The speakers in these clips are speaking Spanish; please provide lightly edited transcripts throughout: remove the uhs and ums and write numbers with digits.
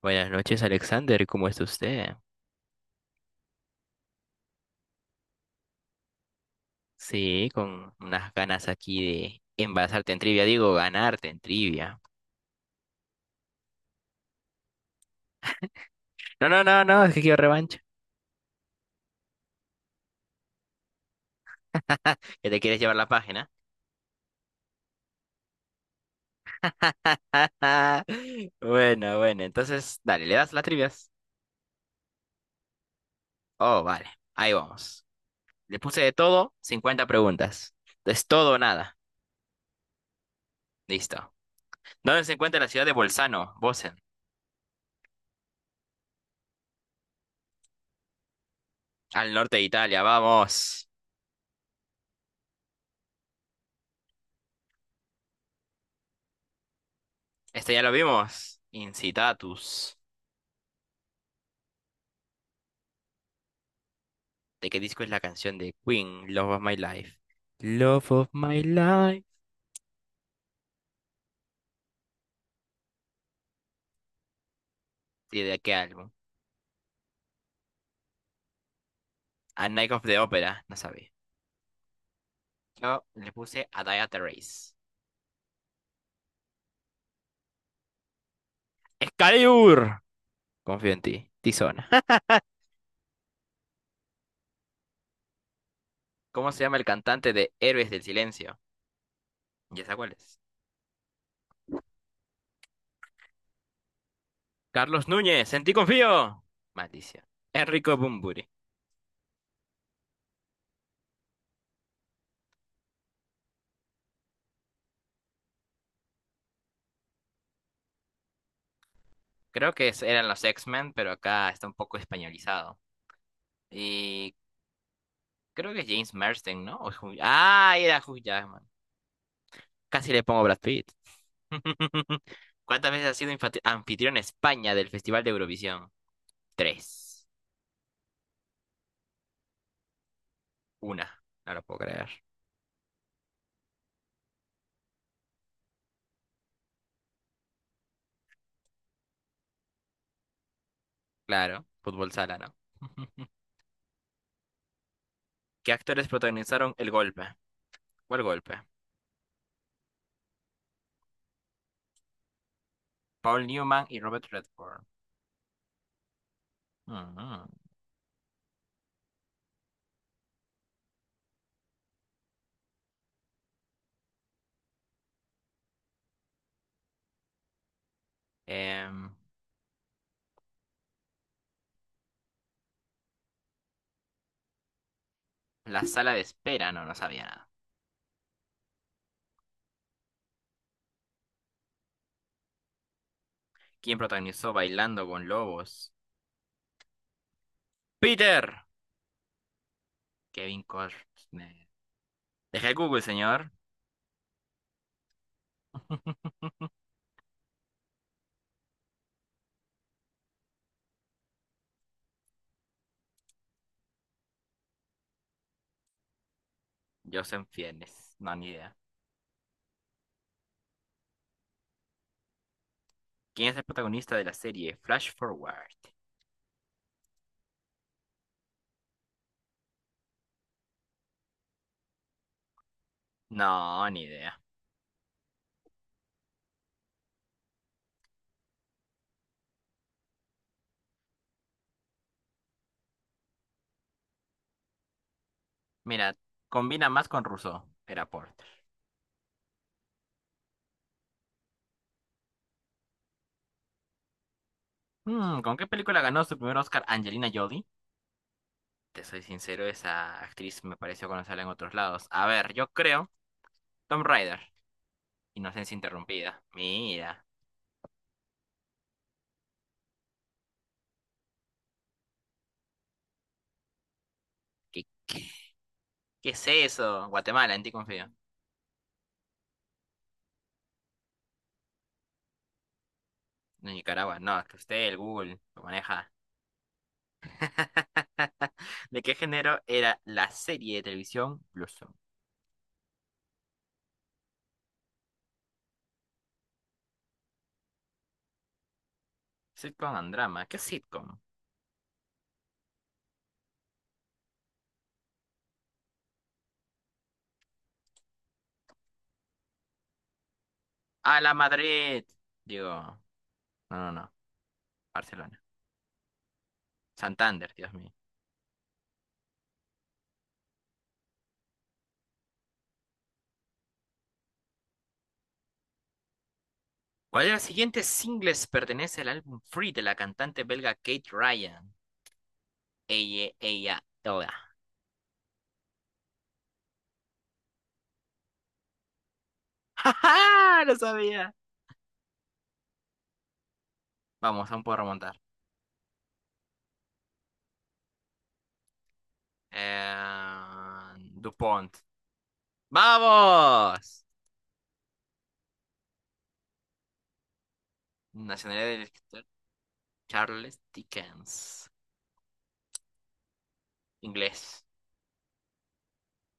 Buenas noches, Alexander. ¿Cómo está usted? Sí, con unas ganas aquí de envasarte en trivia. Digo, ganarte en trivia. No, no, no, no, es que quiero revancha. ¿Que te quieres llevar la página? Bueno, bueno, entonces, dale, ¿le das las trivias? Oh, vale, ahí vamos. Le puse de todo, 50 preguntas. Es todo o nada. Listo. ¿Dónde se encuentra la ciudad de Bolzano, Bosen? Al norte de Italia, vamos. Este ya lo vimos. Incitatus. ¿De qué disco es la canción de Queen, Love of My Life? Love of My Life. Sí, ¿de qué álbum? A Night of the Opera, no sabía. Yo le puse A Day at the Race. ¡Excalibur! Confío en ti, Tizona. ¿Cómo se llama el cantante de Héroes del Silencio? Ya sé cuál es. Carlos Núñez, en ti confío. Maldición. Enrico Bumburi. Creo que eran los X-Men, pero acá está un poco españolizado. Y creo que es James Marsden, ¿no? O es Ah, era Hugh Jackman. Casi le pongo Brad Pitt. ¿Cuántas veces has sido anfitrión en España del Festival de Eurovisión? Tres. Una. No lo puedo creer. Claro, fútbol sala, ¿no? ¿Qué actores protagonizaron El Golpe? ¿Cuál golpe? Paul Newman y Robert Redford. Ujú. Em, la sala de espera, no, no sabía nada. ¿Quién protagonizó Bailando con Lobos? Peter. Kevin Costner. Deje Google, señor. Joseph Fiennes. No, ni idea. ¿Quién es el protagonista de la serie Flash Forward? No, ni idea. Mira, combina más con Rousseau. Era Porter. ¿Con qué película ganó su primer Oscar Angelina Jolie? Te soy sincero, esa actriz me pareció conocerla en otros lados. A ver, yo creo. Tom Raider. Inocencia interrumpida. Mira. ¿Qué, qué, qué es eso? Guatemala, en ti confío. No, Nicaragua, no, que usted, el Google, lo maneja. ¿De qué género era la serie de televisión Blueson? Sitcom and drama. ¿Qué sitcom? A la Madrid. Digo, no, no, no. Barcelona. Santander, Dios mío. ¿Cuál de los siguientes singles pertenece al álbum Free de la cantante belga Kate Ryan? Ella, toda. ¡Ja, ja! Lo sabía. Vamos, aún puedo remontar. Eh, DuPont. ¡Vamos! Nacionalidad del escritor Charles Dickens. Inglés.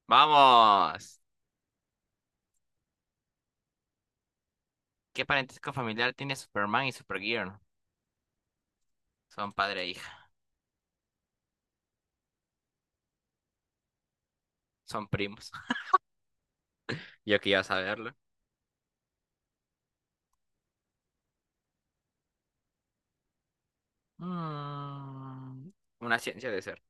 ¡Vamos! ¿Qué parentesco familiar tiene Superman y Supergirl? Son padre e hija. Son primos. Yo que iba a saberlo. Mm, una ciencia de ser.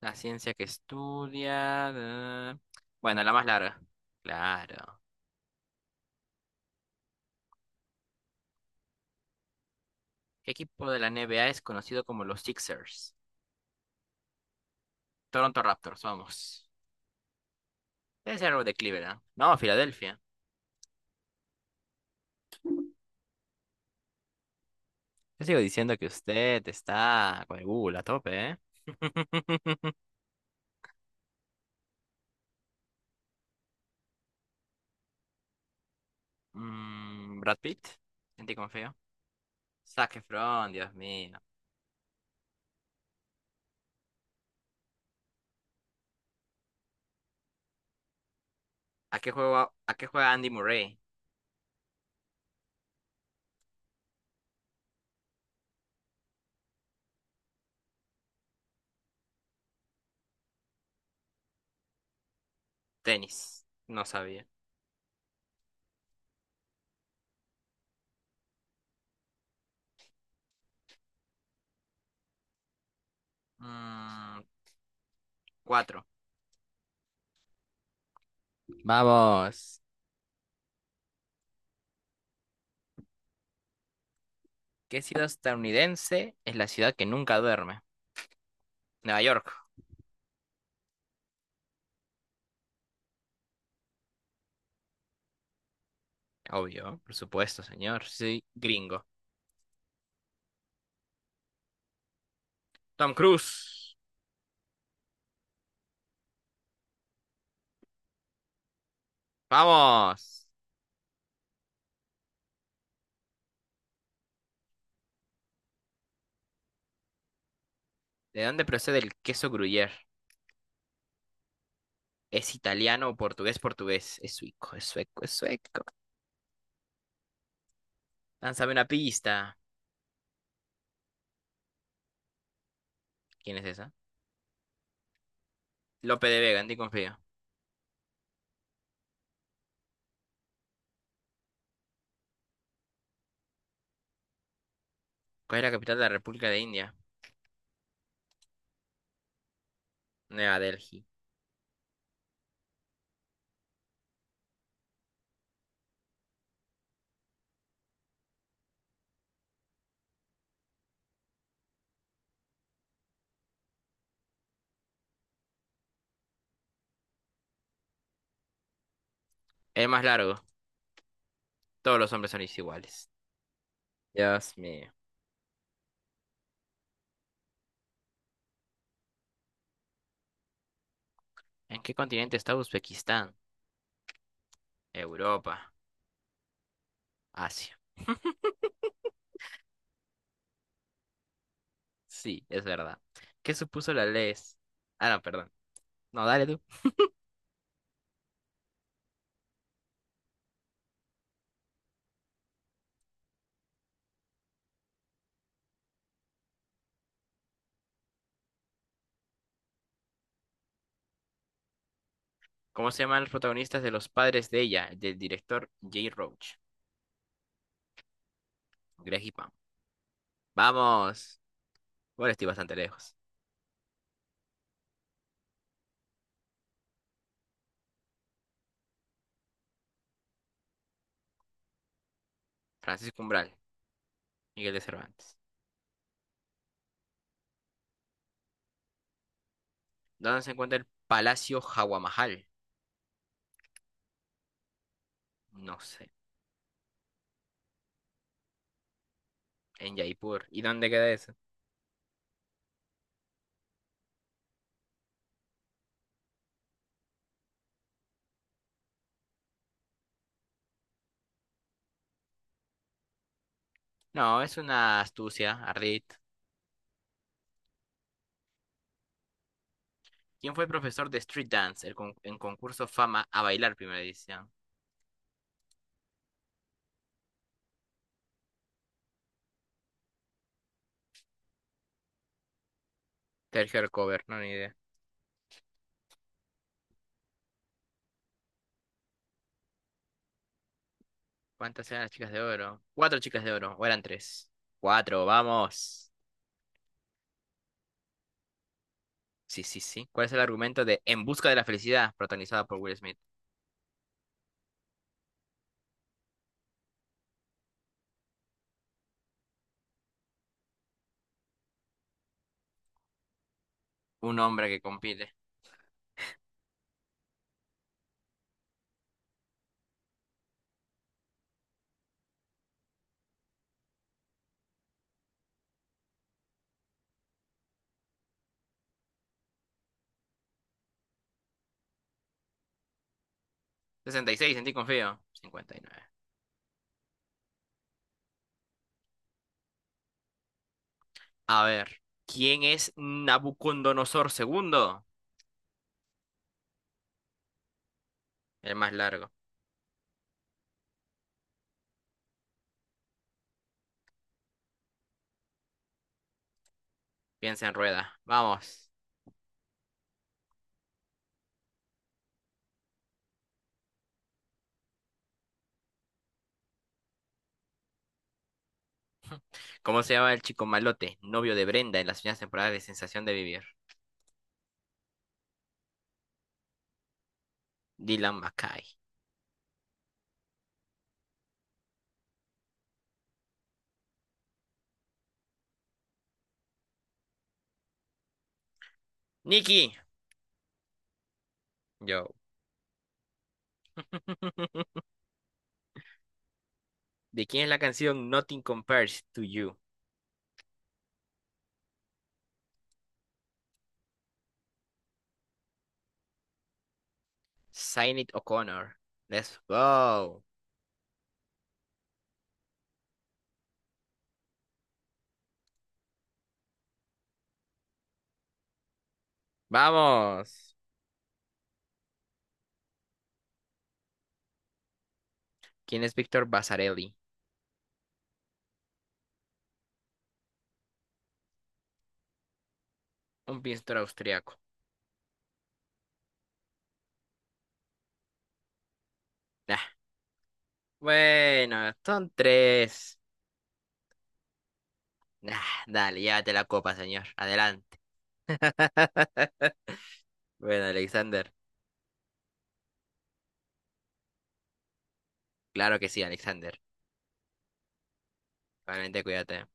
La ciencia que estudia. Bueno, la más larga. Claro. ¿Qué equipo de la NBA es conocido como los Sixers? Toronto Raptors, vamos. Debe ser algo de Cleveland. No, Filadelfia. Yo sigo diciendo que usted está con el Google a tope, ¿eh? Brad Pitt. En ti confío. Zac Efron, Dios mío. ¿A qué juega Andy Murray? Tenis. No sabía. Mm, Cuatro. Vamos. ¿Qué ciudad estadounidense es la ciudad que nunca duerme? Nueva York, obvio, por supuesto, señor. Soy gringo. Tom Cruise, vamos. ¿De dónde procede el queso Gruyère? ¿Es italiano, portugués, portugués? ¿Es suico, es sueco? Lánzame una pista. ¿Quién es esa? Lope de Vega, en ti confío. ¿Cuál es la capital de la República de India? Nueva Delhi. El más largo. Todos los hombres son iguales. Dios mío. ¿En qué continente está Uzbekistán? Europa, Asia. Sí, es verdad. ¿Qué supuso la ley? Ah, no, perdón. No, dale tú. ¿Cómo se llaman los protagonistas de Los padres de ella? Del director Jay Roach. Greg y Pam. Vamos. Bueno, estoy bastante lejos. Francisco Umbral. Miguel de Cervantes. ¿Dónde se encuentra el Palacio Hawamahal? No sé. En Jaipur. ¿Y dónde queda eso? No, es una astucia, ardid. ¿Quién fue el profesor de Street Dance en concurso Fama a bailar primera edición? Sergio Alcover, no ni idea. ¿Cuántas eran las chicas de oro? Cuatro chicas de oro, o eran tres. Cuatro, vamos. Sí, sí, sí. ¿Cuál es el argumento de En busca de la felicidad, protagonizada por Will Smith? Un hombre que compite. 66. En ti confío. 59. A ver, ¿quién es Nabucodonosor segundo? El más largo. Piensa en rueda. Vamos. ¿Cómo se llama el chico malote, novio de Brenda en las primeras temporadas de Sensación de Vivir? Dylan McKay. Nicky. Yo. ¿De quién es la canción Nothing Compares to You? Sinead O'Connor. Let's go. Vamos. ¿Quién es Víctor Basarelli? Un pintor austriaco. Nah. Bueno, son tres. Nah, dale, llévate la copa, señor. Adelante. Bueno, Alexander. Claro que sí, Alexander. Realmente cuídate.